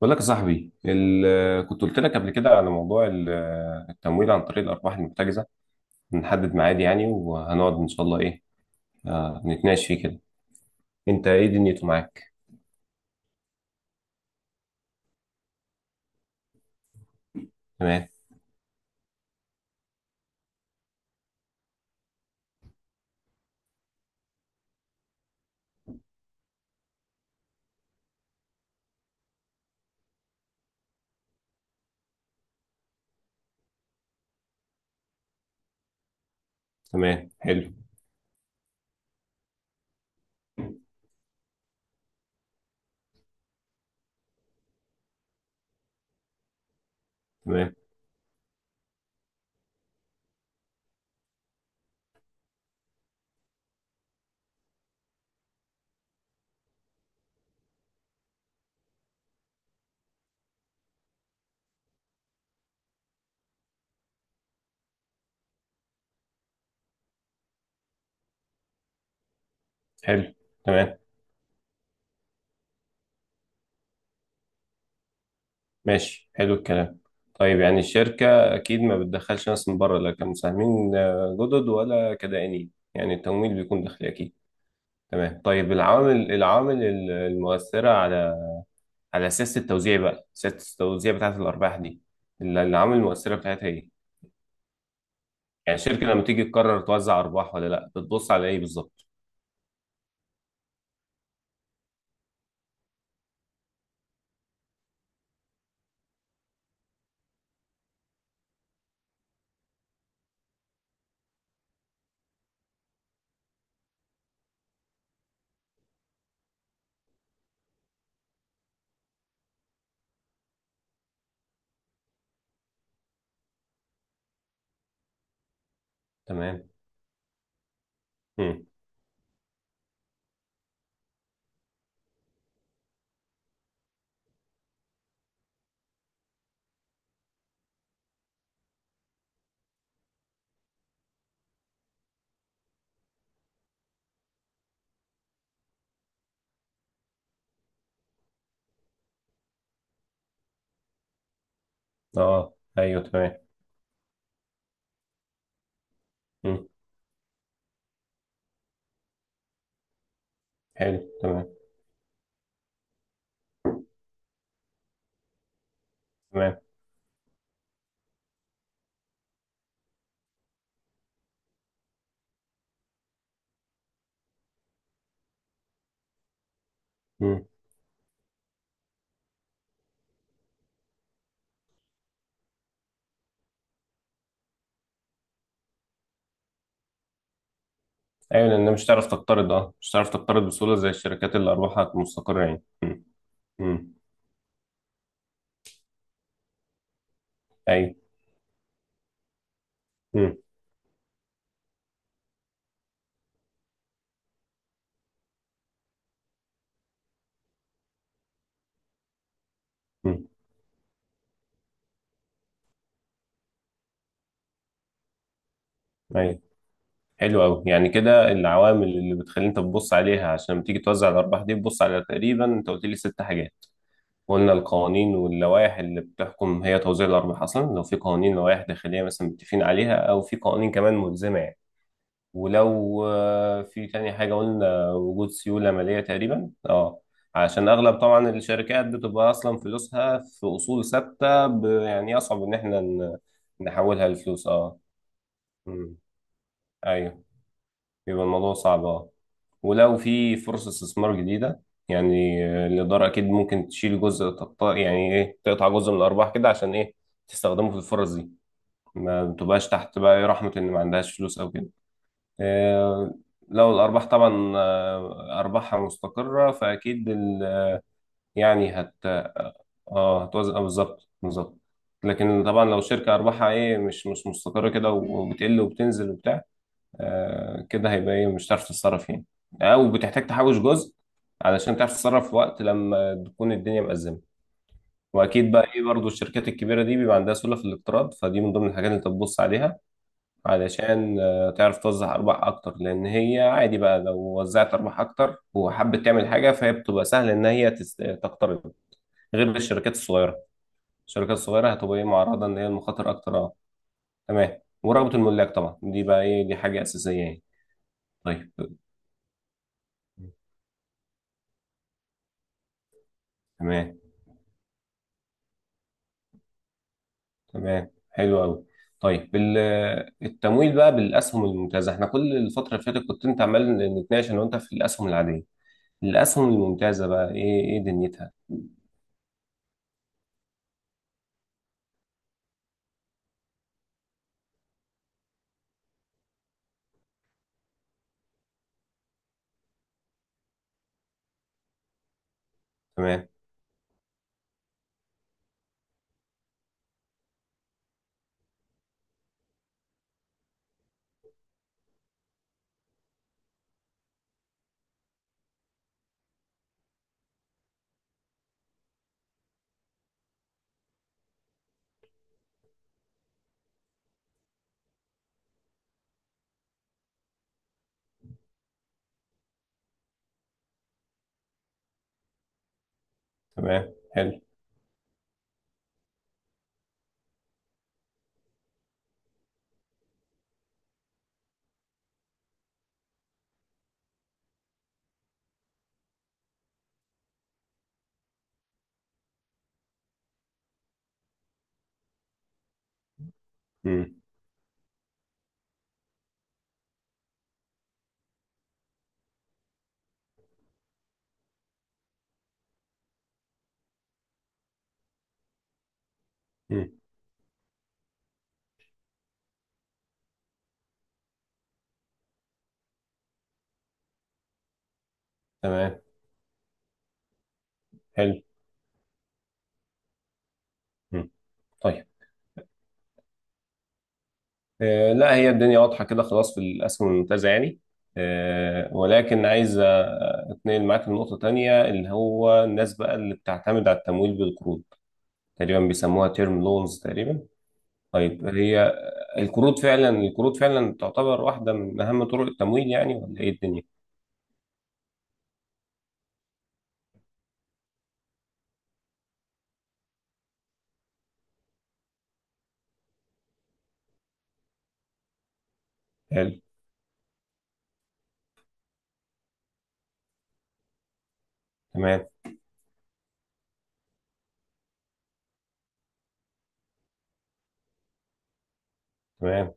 بقول لك يا صاحبي، كنت قلت لك قبل كده على موضوع التمويل عن طريق الارباح المحتجزه. نحدد ميعاد يعني، وهنقعد ان شاء الله، ايه، نتناقش فيه كده. انت ايه دنيته معاك؟ تمام. تمام، حلو. تمام، حلو. تمام. ماشي، حلو الكلام. طيب يعني الشركه اكيد ما بتدخلش ناس من بره، لا كمساهمين جدد ولا كدائنين، يعني التمويل بيكون داخلي اكيد. تمام. طيب، العوامل المؤثره على سياسه التوزيع، بقى سياسه التوزيع بتاعه الارباح دي، اللي العوامل المؤثره بتاعتها ايه؟ يعني الشركه لما تيجي تقرر توزع ارباح ولا لا، بتبص على ايه بالظبط؟ تمام. امم. اه، ايوه، تمام. امم. حلو. تمام. تمام. امم. ايوه، لان مش هتعرف تقترض، بسهوله زي الشركات اللي ارباحها مستقره يعني. امم. امم. ايوه. امم. امم. ايوه. حلو قوي. يعني كده العوامل اللي بتخلي انت تبص عليها عشان لما تيجي توزع الارباح دي، تبص على تقريبا، انت قلت لي ست حاجات. قلنا القوانين واللوائح اللي بتحكم هي توزيع الأرباح أصلا، لو في قوانين، لوائح داخلية مثلا متفقين عليها، أو في قوانين كمان ملزمة يعني. ولو في تاني حاجة قلنا وجود سيولة مالية تقريبا، اه. عشان أغلب طبعا الشركات بتبقى أصلا فلوسها في أصول ثابتة، يعني يصعب إن احنا نحولها لفلوس، اه. مم. أيوه. بيبقى الموضوع صعب، اه. ولو في فرصة استثمار جديدة، يعني الإدارة أكيد ممكن تشيل جزء، تقطع يعني إيه، تقطع جزء من الأرباح كده عشان إيه، تستخدمه في الفرص دي، ما تبقاش تحت بقى إيه رحمة إن ما عندهاش فلوس أو كده. آه، لو الأرباح طبعا أرباحها مستقرة فأكيد يعني هت اه هتوزع، بالظبط، بالظبط. لكن طبعا لو شركة أرباحها إيه مش مستقرة كده، وبتقل وبتنزل وبتاع، كده هيبقى ايه، مش هتعرف تتصرف يعني، او بتحتاج تحوش جزء علشان تعرف تتصرف وقت لما تكون الدنيا مأزمة. واكيد بقى ايه برضو الشركات الكبيره دي بيبقى عندها سله في الاقتراض، فدي من ضمن الحاجات اللي انت تبص عليها علشان تعرف توزع ارباح اكتر، لان هي عادي بقى لو وزعت ارباح اكتر وحبت تعمل حاجه فهي بتبقى سهل ان هي تقترض، غير الشركات الصغيره. الشركات الصغيره هتبقى ايه معرضه ان هي المخاطر اكتر، اه. تمام. ورغبه الملاك طبعا دي بقى ايه، دي حاجه اساسيه يعني. طيب. تمام. تمام، حلو قوي. طيب، التمويل بقى بالاسهم الممتازه، احنا كل الفتره اللي فاتت كنت انت عمال نتناقش انا وانت في الاسهم العاديه. الاسهم الممتازه بقى ايه، ايه دنيتها؟ تمام. تمام، حلو. امم. امم. تمام، حلو. امم. طيب، آه، لا، هي الدنيا واضحه كده خلاص في الاسهم الممتازه يعني. آه، ولكن عايز اتنقل معاك لنقطه تانية، اللي هو الناس بقى اللي بتعتمد على التمويل بالقروض تقريبا بيسموها تيرم لونز تقريبا. طيب، هي القروض فعلا، القروض فعلا تعتبر واحدة من أهم طرق التمويل، يعني ولا إيه الدنيا؟ حلو، تمام. تمام.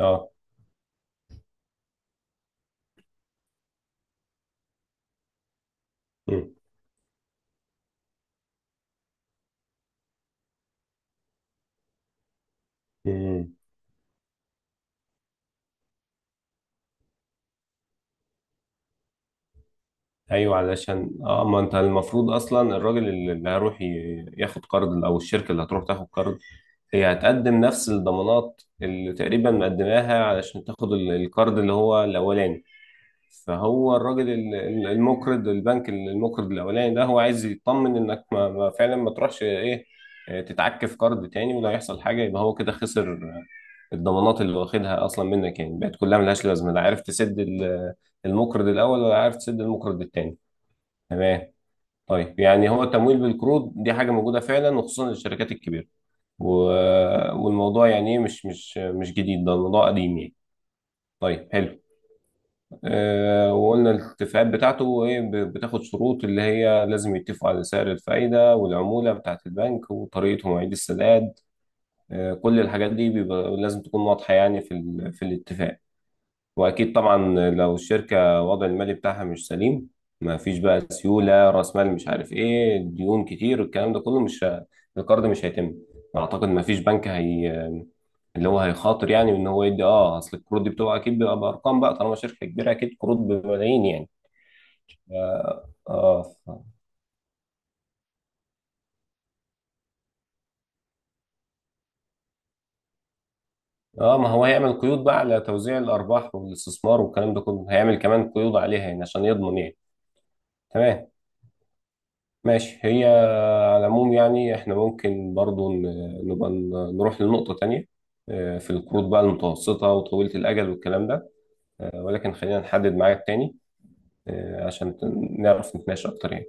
أه. مم. مم. أيوه، علشان ما أنت المفروض أصلا الراجل اللي هيروح ياخد قرض، أو الشركة اللي هتروح تاخد قرض، هي هتقدم نفس الضمانات اللي تقريبا مقدماها علشان تاخد القرض اللي هو الأولاني. فهو الراجل المقرض البنك المقرض الاولاني ده، هو عايز يطمن انك ما فعلا ما تروحش ايه، تتعك في قرض تاني، ولو هيحصل حاجه يبقى هو كده خسر الضمانات اللي واخدها اصلا منك يعني بقت كلها ملهاش لازمه، لا عارف تسد المقرض الاول ولا عارف تسد المقرض التاني. تمام. طيب يعني هو التمويل بالقروض دي حاجه موجوده فعلا وخصوصا للشركات الكبيره، والموضوع يعني ايه، مش جديد، ده الموضوع قديم يعني. طيب، حلو. وقلنا الاتفاقات بتاعته ايه، بتاخد شروط اللي هي لازم يتفقوا على سعر الفايدة والعمولة بتاعة البنك وطريقة مواعيد السداد. كل الحاجات دي بيبقى لازم تكون واضحة يعني في في الاتفاق. واكيد طبعا لو الشركة الوضع المالي بتاعها مش سليم، ما فيش بقى سيولة، رأس مال، مش عارف ايه، ديون كتير، الكلام ده كله، مش ه- القرض مش هيتم. اعتقد ما فيش بنك هي اللي هو هيخاطر يعني ان هو يدي، اصل القروض دي بتبقى اكيد بيبقى بارقام بقى طالما شركة كبيرة، اكيد قروض بملايين يعني. اه ف- اه ما هو هيعمل قيود بقى على توزيع الارباح والاستثمار والكلام ده كله، هيعمل كمان قيود عليها يعني عشان يضمن يعني. تمام. ماشي هي. على العموم يعني احنا ممكن برضو نروح لنقطة تانية. في القروض بقى المتوسطة وطويلة الأجل والكلام ده. ولكن خلينا نحدد ميعاد تاني، عشان نعرف نتناقش أكتر يعني.